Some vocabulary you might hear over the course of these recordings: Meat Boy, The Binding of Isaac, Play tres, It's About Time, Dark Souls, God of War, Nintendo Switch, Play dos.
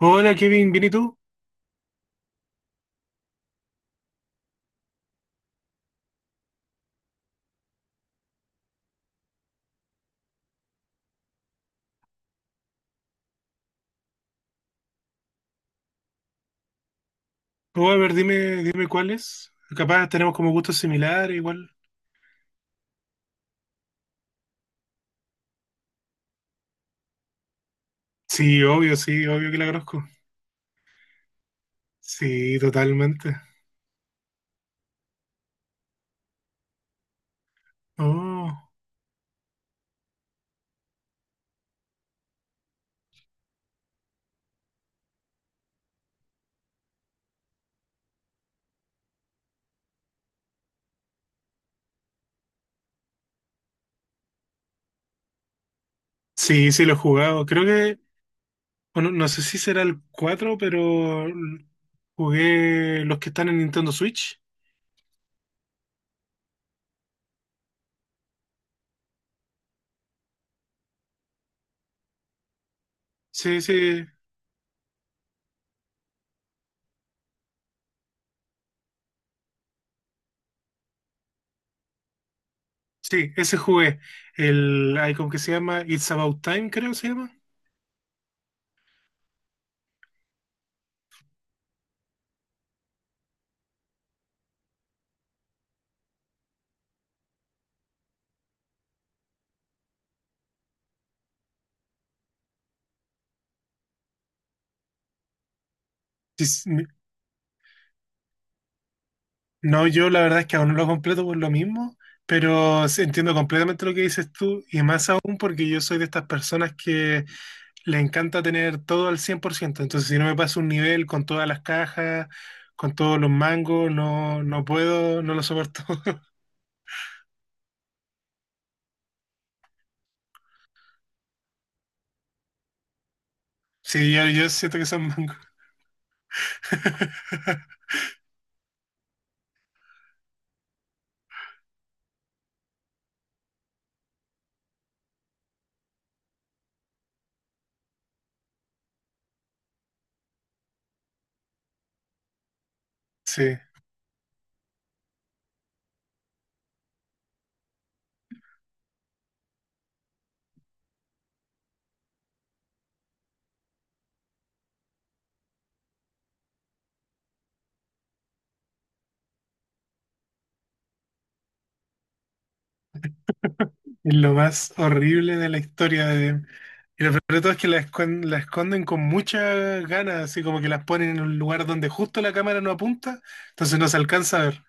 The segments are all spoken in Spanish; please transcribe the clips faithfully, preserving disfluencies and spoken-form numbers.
Hola Kevin, ¿bien y tú? Oh, a ver, dime, dime cuáles. Capaz tenemos como gustos similares, igual. Sí, obvio, sí, obvio que la conozco. Sí, totalmente. Oh, sí, sí, lo he jugado. Creo que, bueno, no sé si será el cuatro, pero l- jugué los que están en Nintendo Switch. Sí, sí, sí, ese jugué. El, hay como que se llama It's About Time, creo que se llama. Sí, sí. No, yo la verdad es que aún no lo completo por lo mismo, pero sí entiendo completamente lo que dices tú y más aún porque yo soy de estas personas que le encanta tener todo al cien por ciento. Entonces si no me paso un nivel con todas las cajas, con todos los mangos, no, no puedo, no lo soporto. Sí, yo, yo siento que son mangos. Sí, es lo más horrible de la historia de. Y lo peor de todo es que la esconden, la esconden con muchas ganas, así como que las ponen en un lugar donde justo la cámara no apunta, entonces no se alcanza a ver.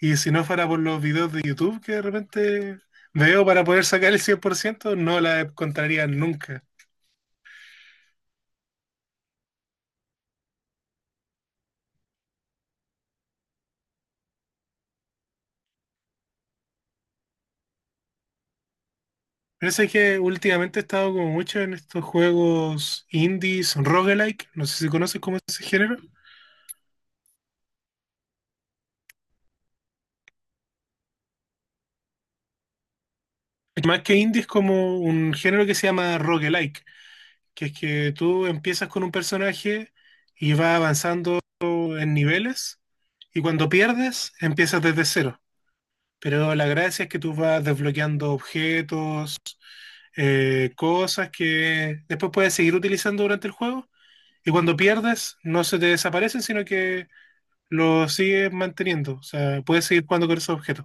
Y si no fuera por los videos de YouTube que de repente veo para poder sacar el cien por ciento no la encontraría nunca. Pero eso es que últimamente he estado como mucho en estos juegos indies, roguelike, no sé si conoces como ese género. Más que indie es como un género que se llama roguelike, que es que tú empiezas con un personaje y va avanzando en niveles y cuando pierdes empiezas desde cero. Pero la gracia es que tú vas desbloqueando objetos, eh, cosas que después puedes seguir utilizando durante el juego y cuando pierdes no se te desaparecen, sino que los sigues manteniendo. O sea, puedes seguir jugando con esos objetos.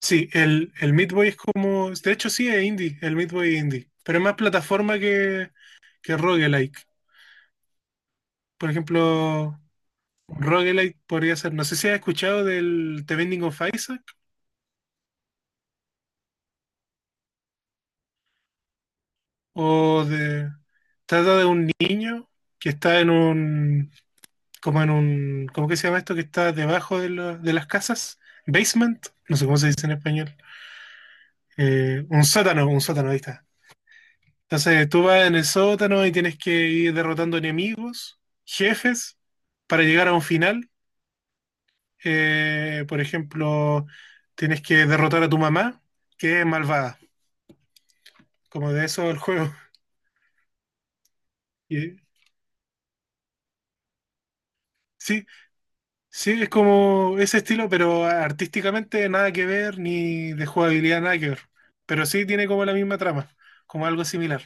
Sí, el, el Meat Boy es como... De hecho sí, es indie, el Meat Boy es indie. Pero es más plataforma que, que roguelike. Por ejemplo, roguelike podría ser... No sé si has escuchado del The Binding of Isaac. O de Trata de un niño que está en un, como en un, ¿cómo que se llama esto? Que está debajo de, la- de las casas, basement, no sé cómo se dice en español. Eh, un sótano, un sótano, ahí está. Entonces tú vas en el sótano y tienes que ir derrotando enemigos, jefes, para llegar a un final. Eh, por ejemplo, tienes que derrotar a tu mamá, que es malvada, como de eso el juego. Y- Sí, sí, es como ese estilo, pero artísticamente nada que ver, ni de jugabilidad nada que ver. Pero sí tiene como la misma trama, como algo similar.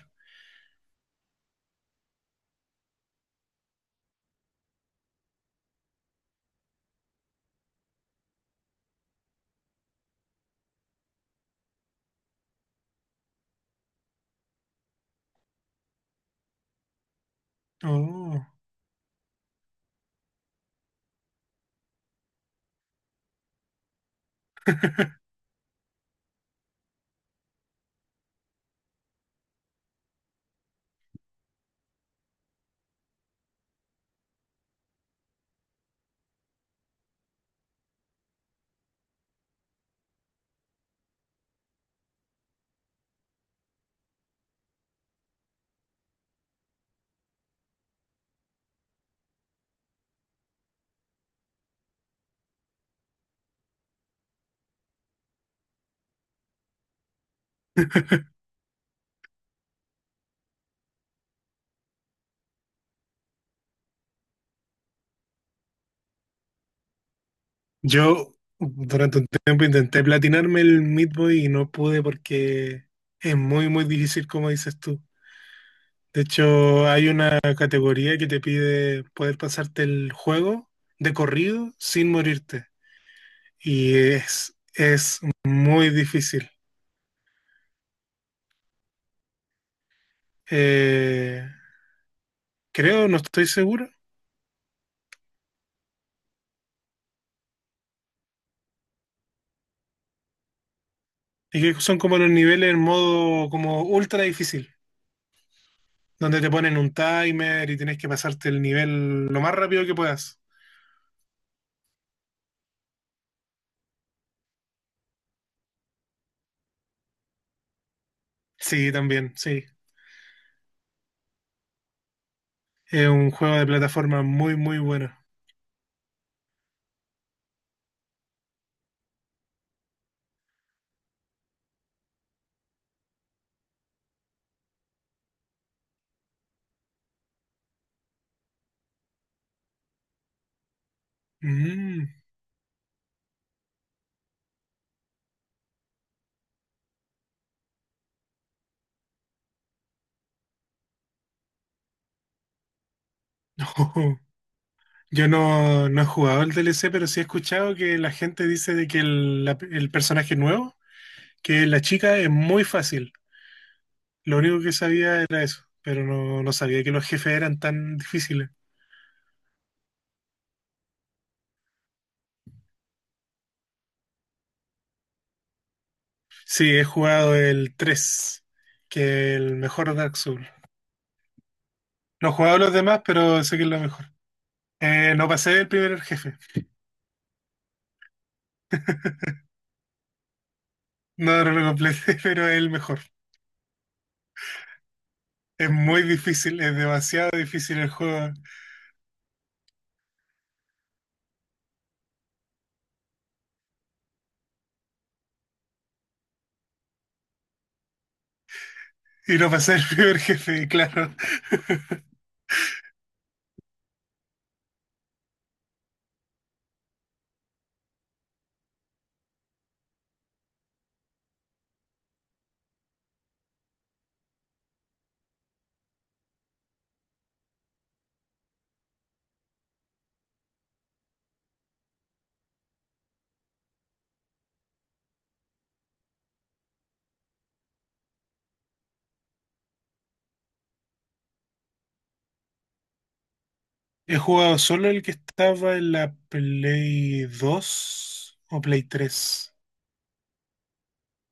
Oh. Yo durante un tiempo intenté platinarme el Meat Boy y no pude porque es muy, muy difícil, como dices tú. De hecho, hay una categoría que te pide poder pasarte el juego de corrido sin morirte. Y es, es muy difícil. Eh, Creo, no estoy seguro. Y que son como los niveles en modo como ultra difícil, donde te ponen un timer y tienes que pasarte el nivel lo más rápido que puedas. Sí, también, sí. Es un juego de plataforma muy, muy bueno. Mm. Yo no, no he jugado el D L C, pero sí he escuchado que la gente dice de que el, la- el personaje nuevo, que la chica es muy fácil. Lo único que sabía era eso, pero no, no sabía que los jefes eran tan difíciles. Sí, he jugado el tres que es el mejor Dark Souls. No he jugado los demás, pero sé que es lo mejor. Eh, no pasé el primer jefe. No, no lo completé, pero es el mejor. Es muy difícil, es demasiado difícil el juego. Y no pasé el primer jefe, claro. He jugado solo el que estaba en la Play dos o Play tres.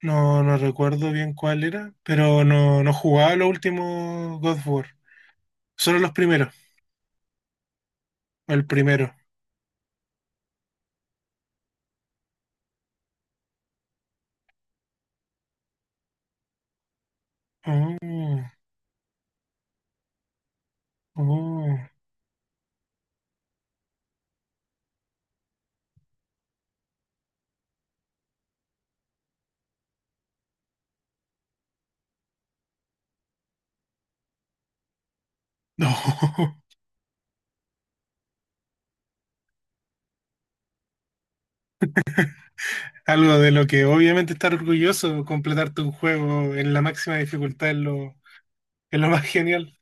No, no recuerdo bien cuál era, pero no, no jugaba los últimos God of War. Solo los primeros, o el primero. Oh, oh, no. Algo de lo que obviamente estar orgulloso, completarte un juego en la máxima dificultad es lo, es lo, más genial.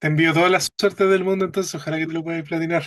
Te envío toda la suerte del mundo, entonces ojalá que te lo puedas platinar.